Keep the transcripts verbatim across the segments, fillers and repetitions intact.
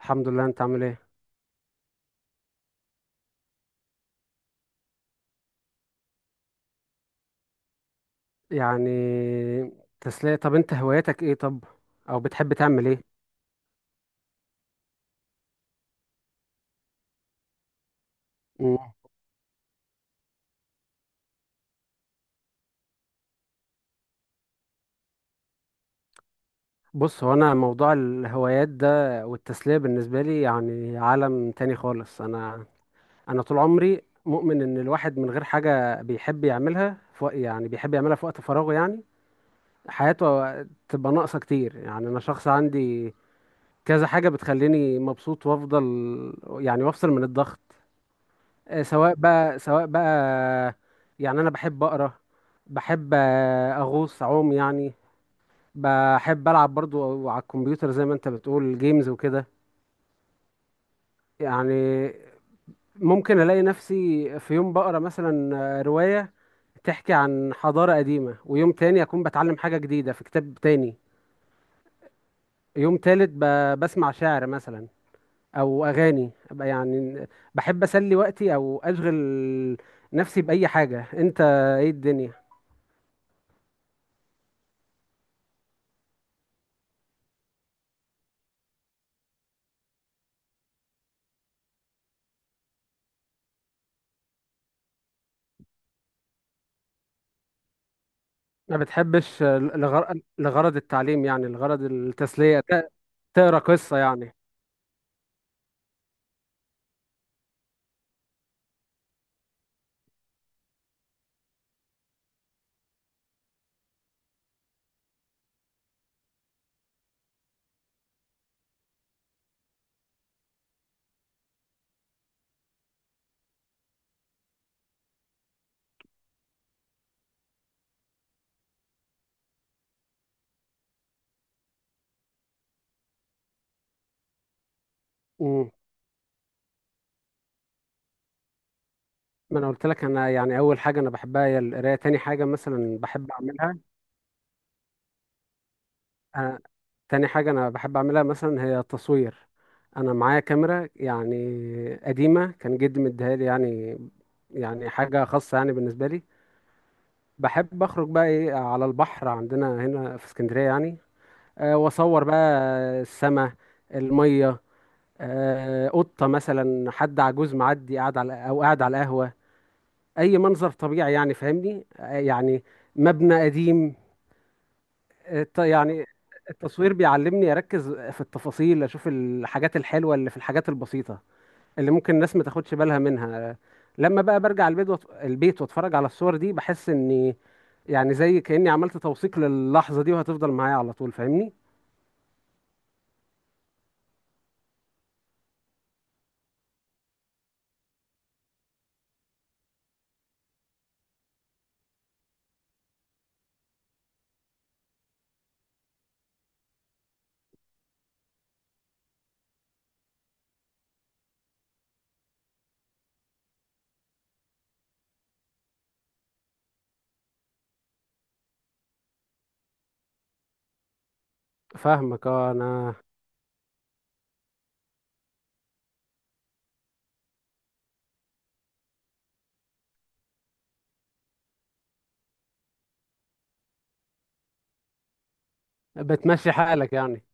الحمد لله، انت عامل ايه؟ يعني تسلية. طب انت هواياتك ايه؟ طب، او بتحب تعمل ايه؟ مم. بص، هو انا موضوع الهوايات ده والتسلية بالنسبة لي يعني عالم تاني خالص. انا انا طول عمري مؤمن ان الواحد من غير حاجة بيحب يعملها في وق- يعني بيحب يعملها في وقت فراغه، يعني حياته تبقى ناقصة كتير. يعني انا شخص عندي كذا حاجة بتخليني مبسوط وافضل يعني، وافصل من الضغط. آه، سواء بقى سواء بقى، يعني انا بحب اقرا، بحب آه، اغوص اعوم يعني. بحب العب برضو على الكمبيوتر زي ما انت بتقول جيمز وكده. يعني ممكن الاقي نفسي في يوم بقرا مثلا آه، رواية تحكي عن حضارة قديمة، ويوم تاني اكون بتعلم حاجة جديدة في كتاب تاني. يوم تالت ب- بسمع شعر مثلا او اغاني أبقى يعني. بحب اسلي وقتي او اشغل نفسي باي حاجة. انت ايه الدنيا؟ ما بتحبش لغر... لغرض التعليم، يعني لغرض التسلية ت- تقرا قصة يعني. امم، ما انا قلت لك، انا يعني اول حاجة انا بحبها هي القراية. تاني حاجة مثلا بحب اعملها، أنا... تاني حاجة انا بحب اعملها مثلا هي التصوير. انا معايا كاميرا يعني قديمة، كان جدي مديها لي، يعني يعني حاجة خاصة يعني بالنسبة لي. بحب اخرج بقى ايه على البحر، عندنا هنا في اسكندرية يعني. أه، واصور بقى السماء، المية، آه، قطة مثلا، حد عجوز معدي قاعد على أو قاعد على القهوة، أي منظر طبيعي يعني، فاهمني؟ آه، يعني مبنى قديم، آه، ط- يعني التصوير بيعلمني أركز في التفاصيل، أشوف الحاجات الحلوة اللي في الحاجات البسيطة اللي ممكن الناس ما تاخدش بالها منها. آه، لما بقى برجع البيت وأت- البيت، واتفرج على الصور دي، بحس إني يعني زي كأني عملت توثيق للحظة دي، وهتفضل معايا على طول، فاهمني؟ فاهمك اه، انا بتمشي حالك يعني.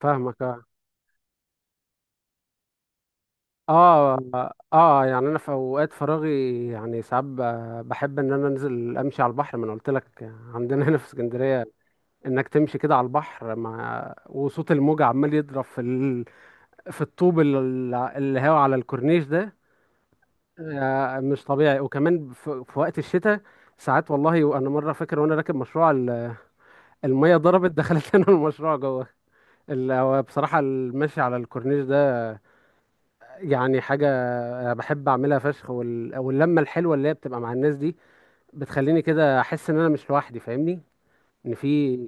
فاهمك اه، اه، اه يعني انا في اوقات فراغي يعني، ساعات ب- بحب ان انا انزل امشي على البحر. ما انا قلت لك عندنا هنا في اسكندريه، انك تمشي كده على البحر مع وصوت الموج عمال يضرب في ال... في الطوب ال- اللي هو على الكورنيش ده، آه مش طبيعي. وكمان في... في وقت الشتاء، ساعات والله، وانا مره فاكر وانا راكب مشروع ال- الميه ضربت دخلت لنا المشروع جوه. ال... هو بصراحه المشي على الكورنيش ده يعني حاجة بحب أعملها فشخ. وال... واللمة الحلوة اللي هي بتبقى مع الناس دي بتخليني كده أحس إن أنا مش لوحدي، فاهمني؟ إن في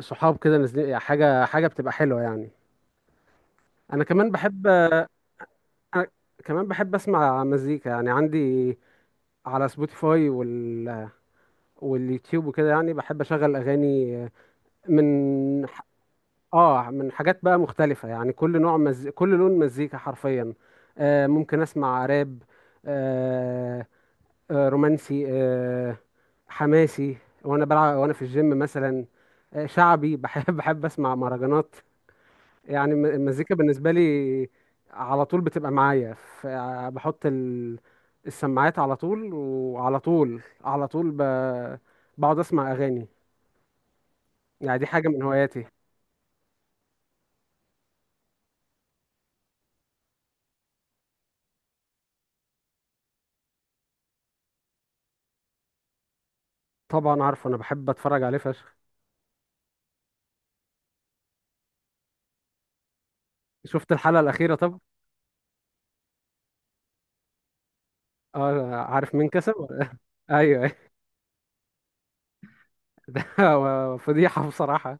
صحاب كده نازلين حاجة، حاجة بتبقى حلوة يعني. أنا كمان بحب أنا كمان بحب أسمع مزيكا يعني. عندي على سبوتيفاي وال... واليوتيوب وكده، يعني بحب أشغل أغاني من ح- آه من حاجات بقى مختلفة، يعني كل نوع مز... كل لون مزيكا حرفيا. آه ممكن أسمع راب، آه، آه، رومانسي، آه، حماسي وانا بلعب وانا في الجيم مثلا، آه، شعبي، بحب بحب اسمع مهرجانات. يعني الم- المزيكا بالنسبه لي على طول بتبقى معايا. ف- بحط ال- السماعات، على طول وعلى طول على طول ب- بقعد اسمع اغاني يعني. دي حاجه من هواياتي. طبعا عارفه، انا بحب اتفرج عليه فشخ. شفت الحلقه الاخيره؟ طب، اه عارف مين كسب؟ ايوه ده فضيحه بصراحه.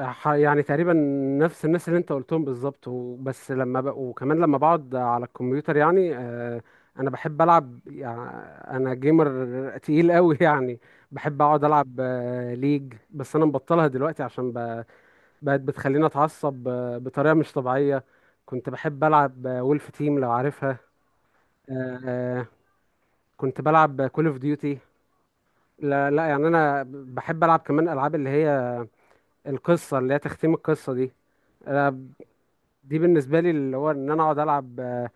ح- يعني تقريبا نفس الناس اللي انت قلتهم بالظبط و- بس لما ب... وكمان لما بقعد على الكمبيوتر يعني. آه، انا بحب العب يعني، انا جيمر تقيل قوي يعني. بحب اقعد العب آه، ليج، بس انا مبطلها دلوقتي عشان ب... بقت بتخليني اتعصب آه، بطريقة مش طبيعية. كنت بحب العب آه، وولف تيم، لو عارفها. آه، آه، كنت بلعب كول اوف ديوتي. لا لا، يعني انا بحب العب كمان العاب اللي هي القصة، اللي هي تختيم القصة دي. آه، دي بالنسبة لي اللي هو ان انا اقعد العب آه،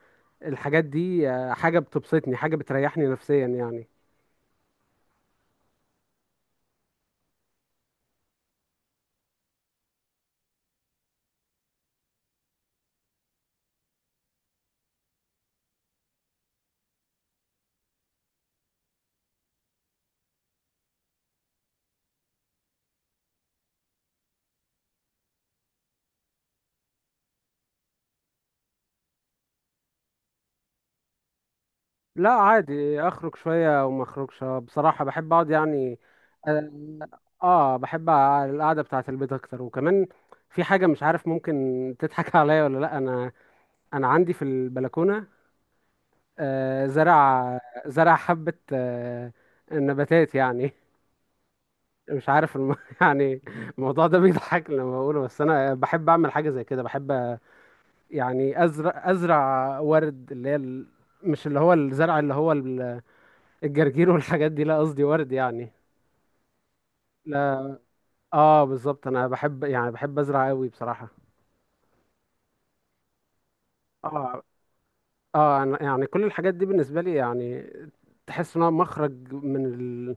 الحاجات دي، آه، حاجة بتبسطني، حاجة بتريحني نفسيا يعني. لا عادي، اخرج شوية وما اخرجش. آه، بصراحة بحب اقعد يعني. اه، آه، بحب ع- القعدة بتاعة البيت اكتر. وكمان في حاجة مش عارف ممكن تضحك عليا ولا لا. انا انا عندي في البلكونة آه، زرع، زرع حبة آه، نباتات يعني. مش عارف الم... يعني الموضوع ده بيضحك لما بقوله، بس انا بحب اعمل حاجة زي كده. بحب يعني ازرع ازرع ورد، اللي هي ال... مش اللي هو الزرع اللي هو ال- الجرجير والحاجات دي، لا قصدي ورد يعني. لا اه بالظبط، انا بحب يعني، بحب ازرع قوي بصراحة. اه، اه، أنا يعني كل الحاجات دي بالنسبة لي يعني تحس انها مخرج من ال...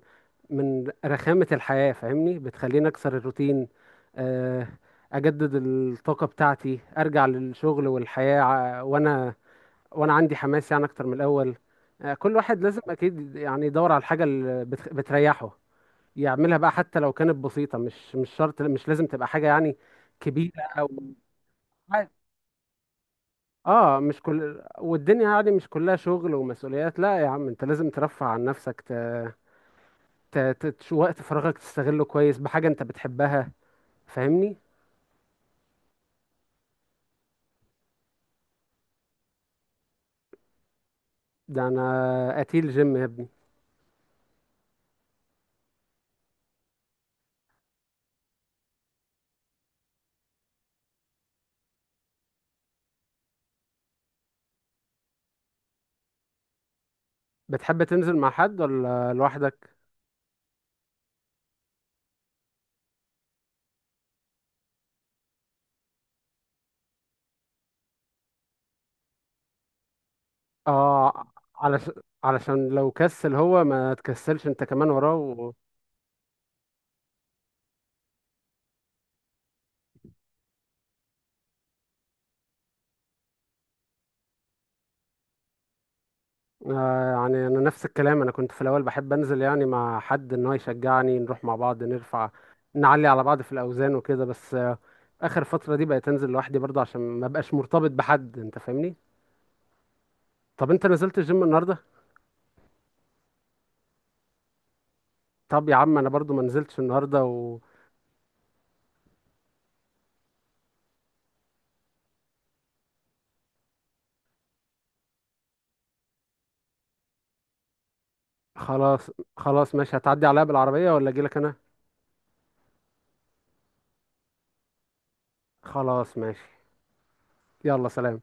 من رخامة الحياة، فاهمني؟ بتخليني اكسر الروتين، آه اجدد الطاقة بتاعتي، ارجع للشغل والحياة ع- وانا وانا عندي حماس يعني اكتر من الاول. آه، كل واحد لازم اكيد يعني يدور على الحاجه اللي بت- بتريحه يعملها بقى، حتى لو كانت بسيطه. مش مش شرط، مش لازم تبقى حاجه يعني كبيره او عادي. اه مش كل والدنيا يعني مش كلها شغل ومسؤوليات، لا يا عم، انت لازم ترفه عن نفسك، ت... ت... ت... تش- وقت فراغك تستغله كويس بحاجه انت بتحبها، فاهمني؟ ده انا قتيل جيم يا ابني. بتحب تنزل مع حد ولا لوحدك؟ اه، علشان علشان لو كسل هو ما تكسلش انت كمان وراه و... آه يعني انا نفس الكلام، انا كنت في الاول بحب انزل يعني مع حد ان هو يشجعني، نروح مع بعض نرفع نعلي على بعض في الاوزان وكده، بس آه اخر فترة دي بقيت انزل لوحدي برضه عشان ما بقاش مرتبط بحد، انت فاهمني؟ طب انت نزلت الجيم النهارده؟ طب يا عم انا برضه ما نزلتش النهارده. وخلاص، خلاص ماشي، هتعدي عليا بالعربية ولا اجيلك انا؟ خلاص ماشي. يلا سلام.